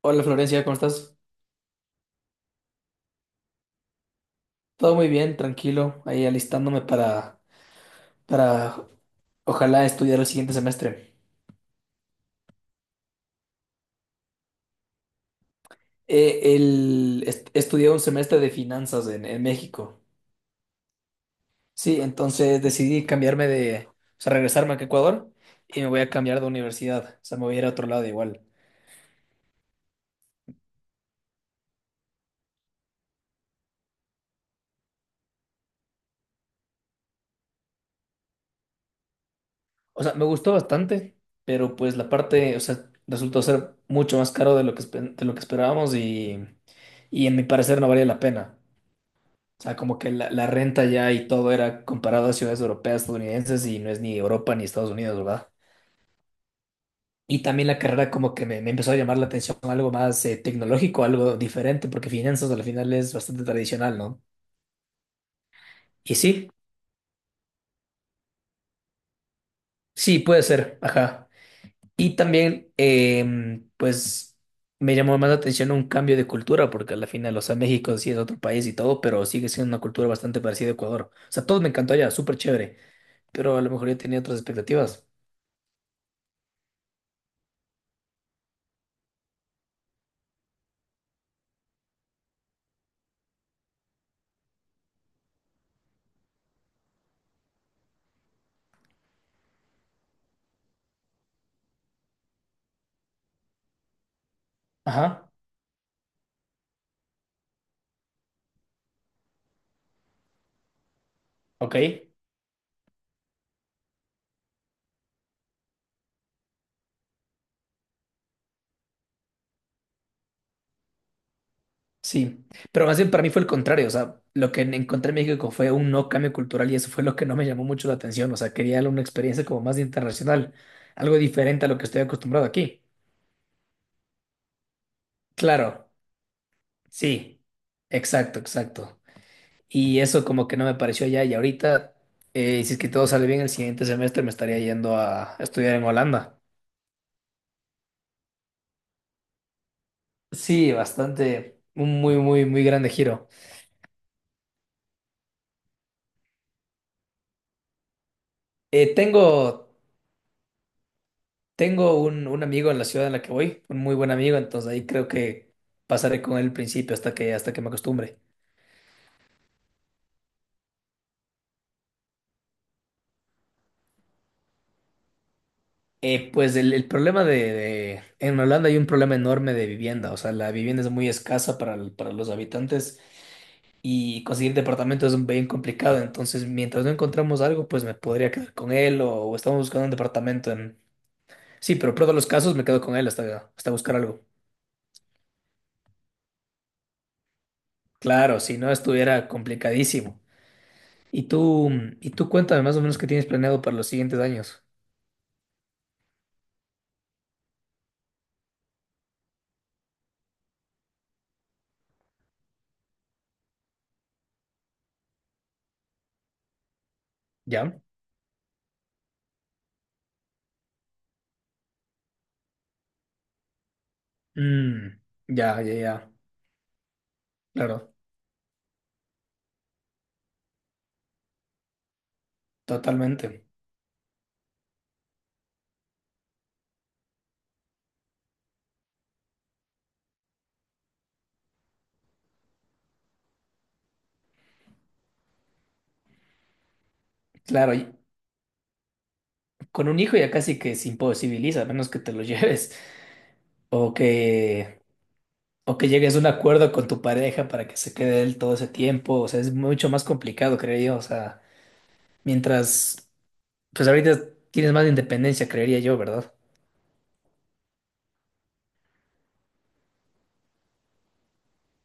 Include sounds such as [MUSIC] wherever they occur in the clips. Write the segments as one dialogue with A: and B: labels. A: Hola Florencia, ¿cómo estás? Todo muy bien, tranquilo, ahí alistándome para ojalá estudiar el siguiente semestre. Estudié un semestre de finanzas en México. Sí, entonces decidí cambiarme o sea, regresarme a Ecuador y me voy a cambiar de universidad, o sea, me voy a ir a otro lado igual. O sea, me gustó bastante, pero pues la parte, o sea, resultó ser mucho más caro de lo que, de lo que esperábamos y en mi parecer no valía la pena. O sea, como que la renta ya y todo era comparado a ciudades europeas, estadounidenses y no es ni Europa ni Estados Unidos, ¿verdad? Y también la carrera como que me empezó a llamar la atención algo más tecnológico, algo diferente, porque finanzas al final es bastante tradicional, ¿no? Y sí, sí, puede ser, ajá. Y también, pues, me llamó más la atención un cambio de cultura, porque al final, o sea, México sí es otro país y todo, pero sigue siendo una cultura bastante parecida a Ecuador. O sea, todo me encantó allá, súper chévere, pero a lo mejor yo tenía otras expectativas. Ajá, ok. Sí, pero más bien para mí fue el contrario, o sea, lo que encontré en México fue un no cambio cultural y eso fue lo que no me llamó mucho la atención, o sea, quería una experiencia como más internacional, algo diferente a lo que estoy acostumbrado aquí. Claro, sí, exacto, exacto. Y eso como que no me pareció allá y ahorita, si es que todo sale bien el siguiente semestre me estaría yendo a estudiar en Holanda. Sí, bastante, un muy, muy, muy grande giro. Eh, tengo... Tengo un amigo en la ciudad en la que voy, un muy buen amigo, entonces ahí creo que pasaré con él al principio hasta que me acostumbre. Pues el problema en Holanda hay un problema enorme de vivienda, o sea, la vivienda es muy escasa para los habitantes y conseguir departamento es bien complicado, entonces mientras no encontramos algo, pues me podría quedar con él o estamos buscando un departamento en... Sí, pero en todos los casos me quedo con él hasta buscar algo. Claro, si no estuviera complicadísimo. Y tú, cuéntame más o menos qué tienes planeado para los siguientes años. ¿Ya? Mm, ya, ya, ya. Claro, totalmente. Claro, y con un hijo ya casi que se imposibiliza, a menos que te lo [LAUGHS] lleves. O que, o que llegues a un acuerdo con tu pareja para que se quede él todo ese tiempo. O sea, es mucho más complicado, creería yo. O sea, mientras, pues ahorita tienes más independencia, creería yo, ¿verdad?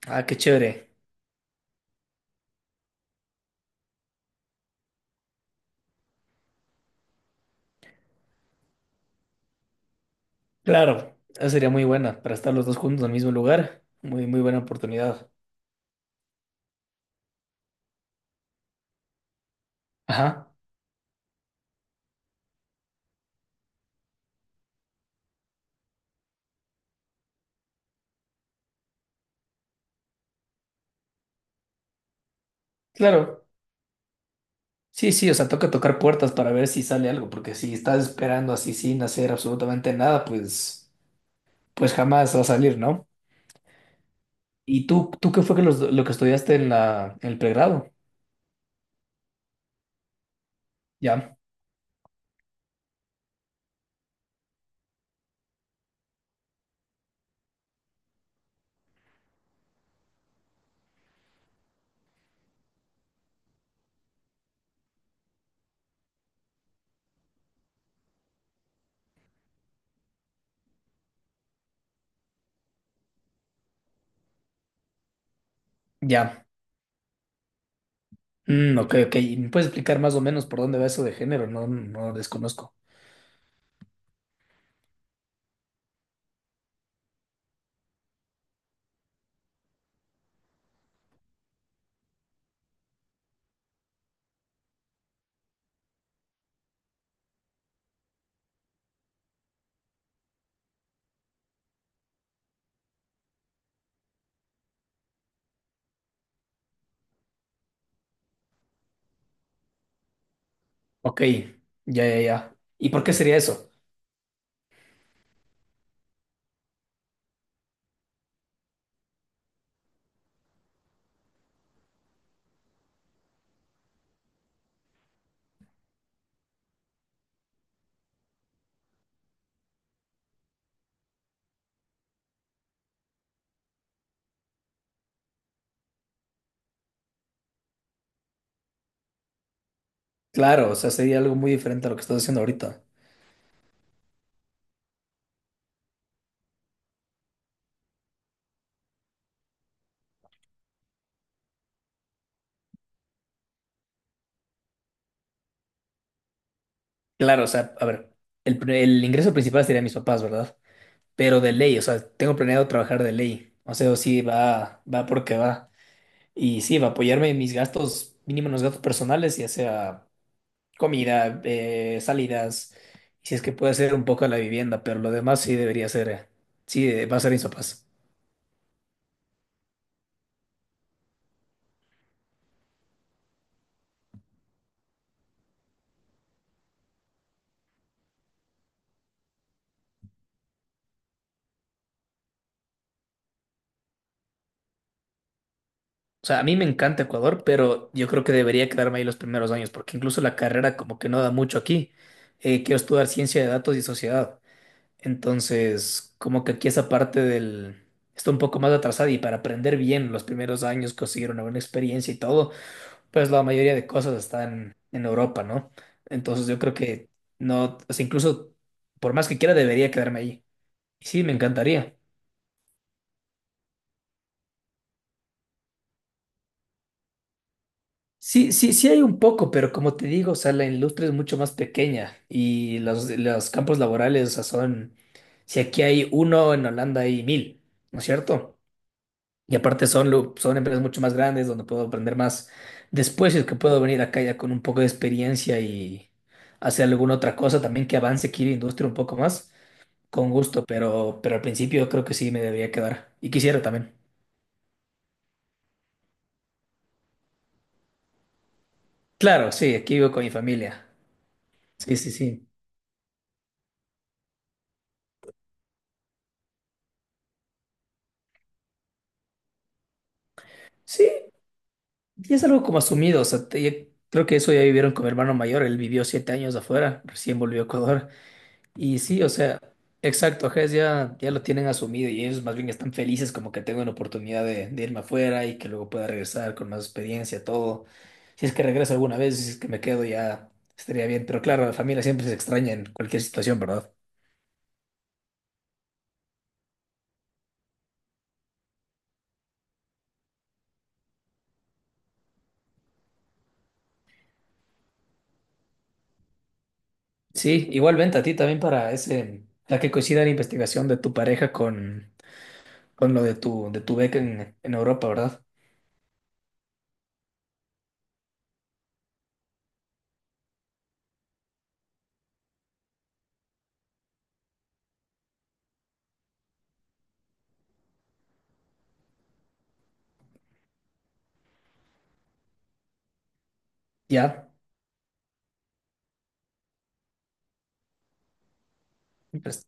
A: Ah, qué chévere. Claro, esa sería muy buena para estar los dos juntos en el mismo lugar. Muy, muy buena oportunidad. Ajá. Claro, sí, sí, o sea, toca tocar puertas para ver si sale algo, porque si estás esperando así sin hacer absolutamente nada, pues jamás va a salir, ¿no? ¿Y tú qué fue que lo que estudiaste en la, en el pregrado? Ya, ya. Mm, ok, ok. ¿Me puedes explicar más o menos por dónde va eso de género? No, no desconozco. Ok, ya, ya, ya. ¿Y por qué sería eso? Claro, o sea, sería algo muy diferente a lo que estás haciendo ahorita. Claro, o sea, a ver, el ingreso principal sería mis papás, ¿verdad? Pero de ley, o sea, tengo planeado trabajar de ley. O sea, sí, va, va porque va. Y sí, va a apoyarme en mis gastos, mínimo en los gastos personales, ya sea comida, salidas, y si es que puede ser un poco la vivienda, pero lo demás sí debería ser, sí, va a ser mis papás. O sea, a mí me encanta Ecuador, pero yo creo que debería quedarme ahí los primeros años, porque incluso la carrera como que no da mucho aquí. Quiero estudiar ciencia de datos y sociedad. Entonces, como que aquí esa parte del... Está un poco más atrasada y para aprender bien los primeros años, conseguir una buena experiencia y todo, pues la mayoría de cosas están en Europa, ¿no? Entonces yo creo que no, o sea, incluso por más que quiera debería quedarme ahí. Y sí, me encantaría. Sí, sí, sí hay un poco, pero como te digo, o sea, la industria es mucho más pequeña y los campos laborales, o sea, son, si aquí hay uno, en Holanda hay mil, ¿no es cierto? Y aparte son empresas mucho más grandes donde puedo aprender más después, y es que puedo venir acá ya con un poco de experiencia y hacer alguna otra cosa también que avance aquí la industria un poco más, con gusto, pero, al principio creo que sí me debería quedar. Y quisiera también. Claro, sí, aquí vivo con mi familia. Sí, sí, sí. Sí, y es algo como asumido, o sea, creo que eso ya vivieron con mi hermano mayor, él vivió 7 años afuera, recién volvió a Ecuador. Y sí, o sea, exacto, ajá, ya lo tienen asumido y ellos más bien están felices como que tengo una oportunidad de irme afuera y que luego pueda regresar con más experiencia, todo. Si es que regreso alguna vez, si es que me quedo ya estaría bien, pero claro, la familia siempre se extraña en cualquier situación, ¿verdad? Sí, igualmente a ti también para la que coincida la investigación de tu pareja con lo de tu beca en Europa, ¿verdad? Ya, pues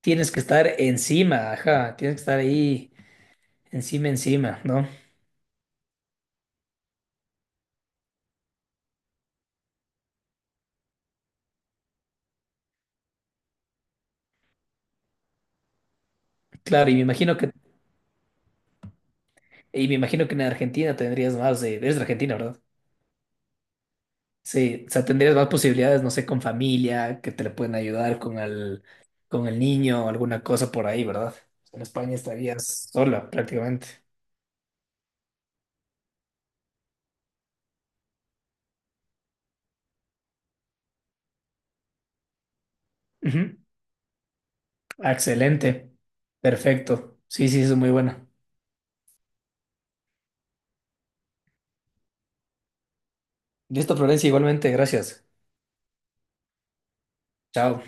A: tienes que estar encima, ajá, tienes que estar ahí encima, encima, ¿no? Claro, y me imagino que en Argentina tendrías más, eres de Argentina, ¿verdad? Sí, o sea, tendrías más posibilidades, no sé, con familia, que te le pueden ayudar con el, niño, alguna cosa por ahí, ¿verdad? En España estarías sola prácticamente. Ujú. Ah, excelente. Perfecto. Sí, sí, eso es muy bueno. Listo, Florencia, igualmente, gracias. Chao.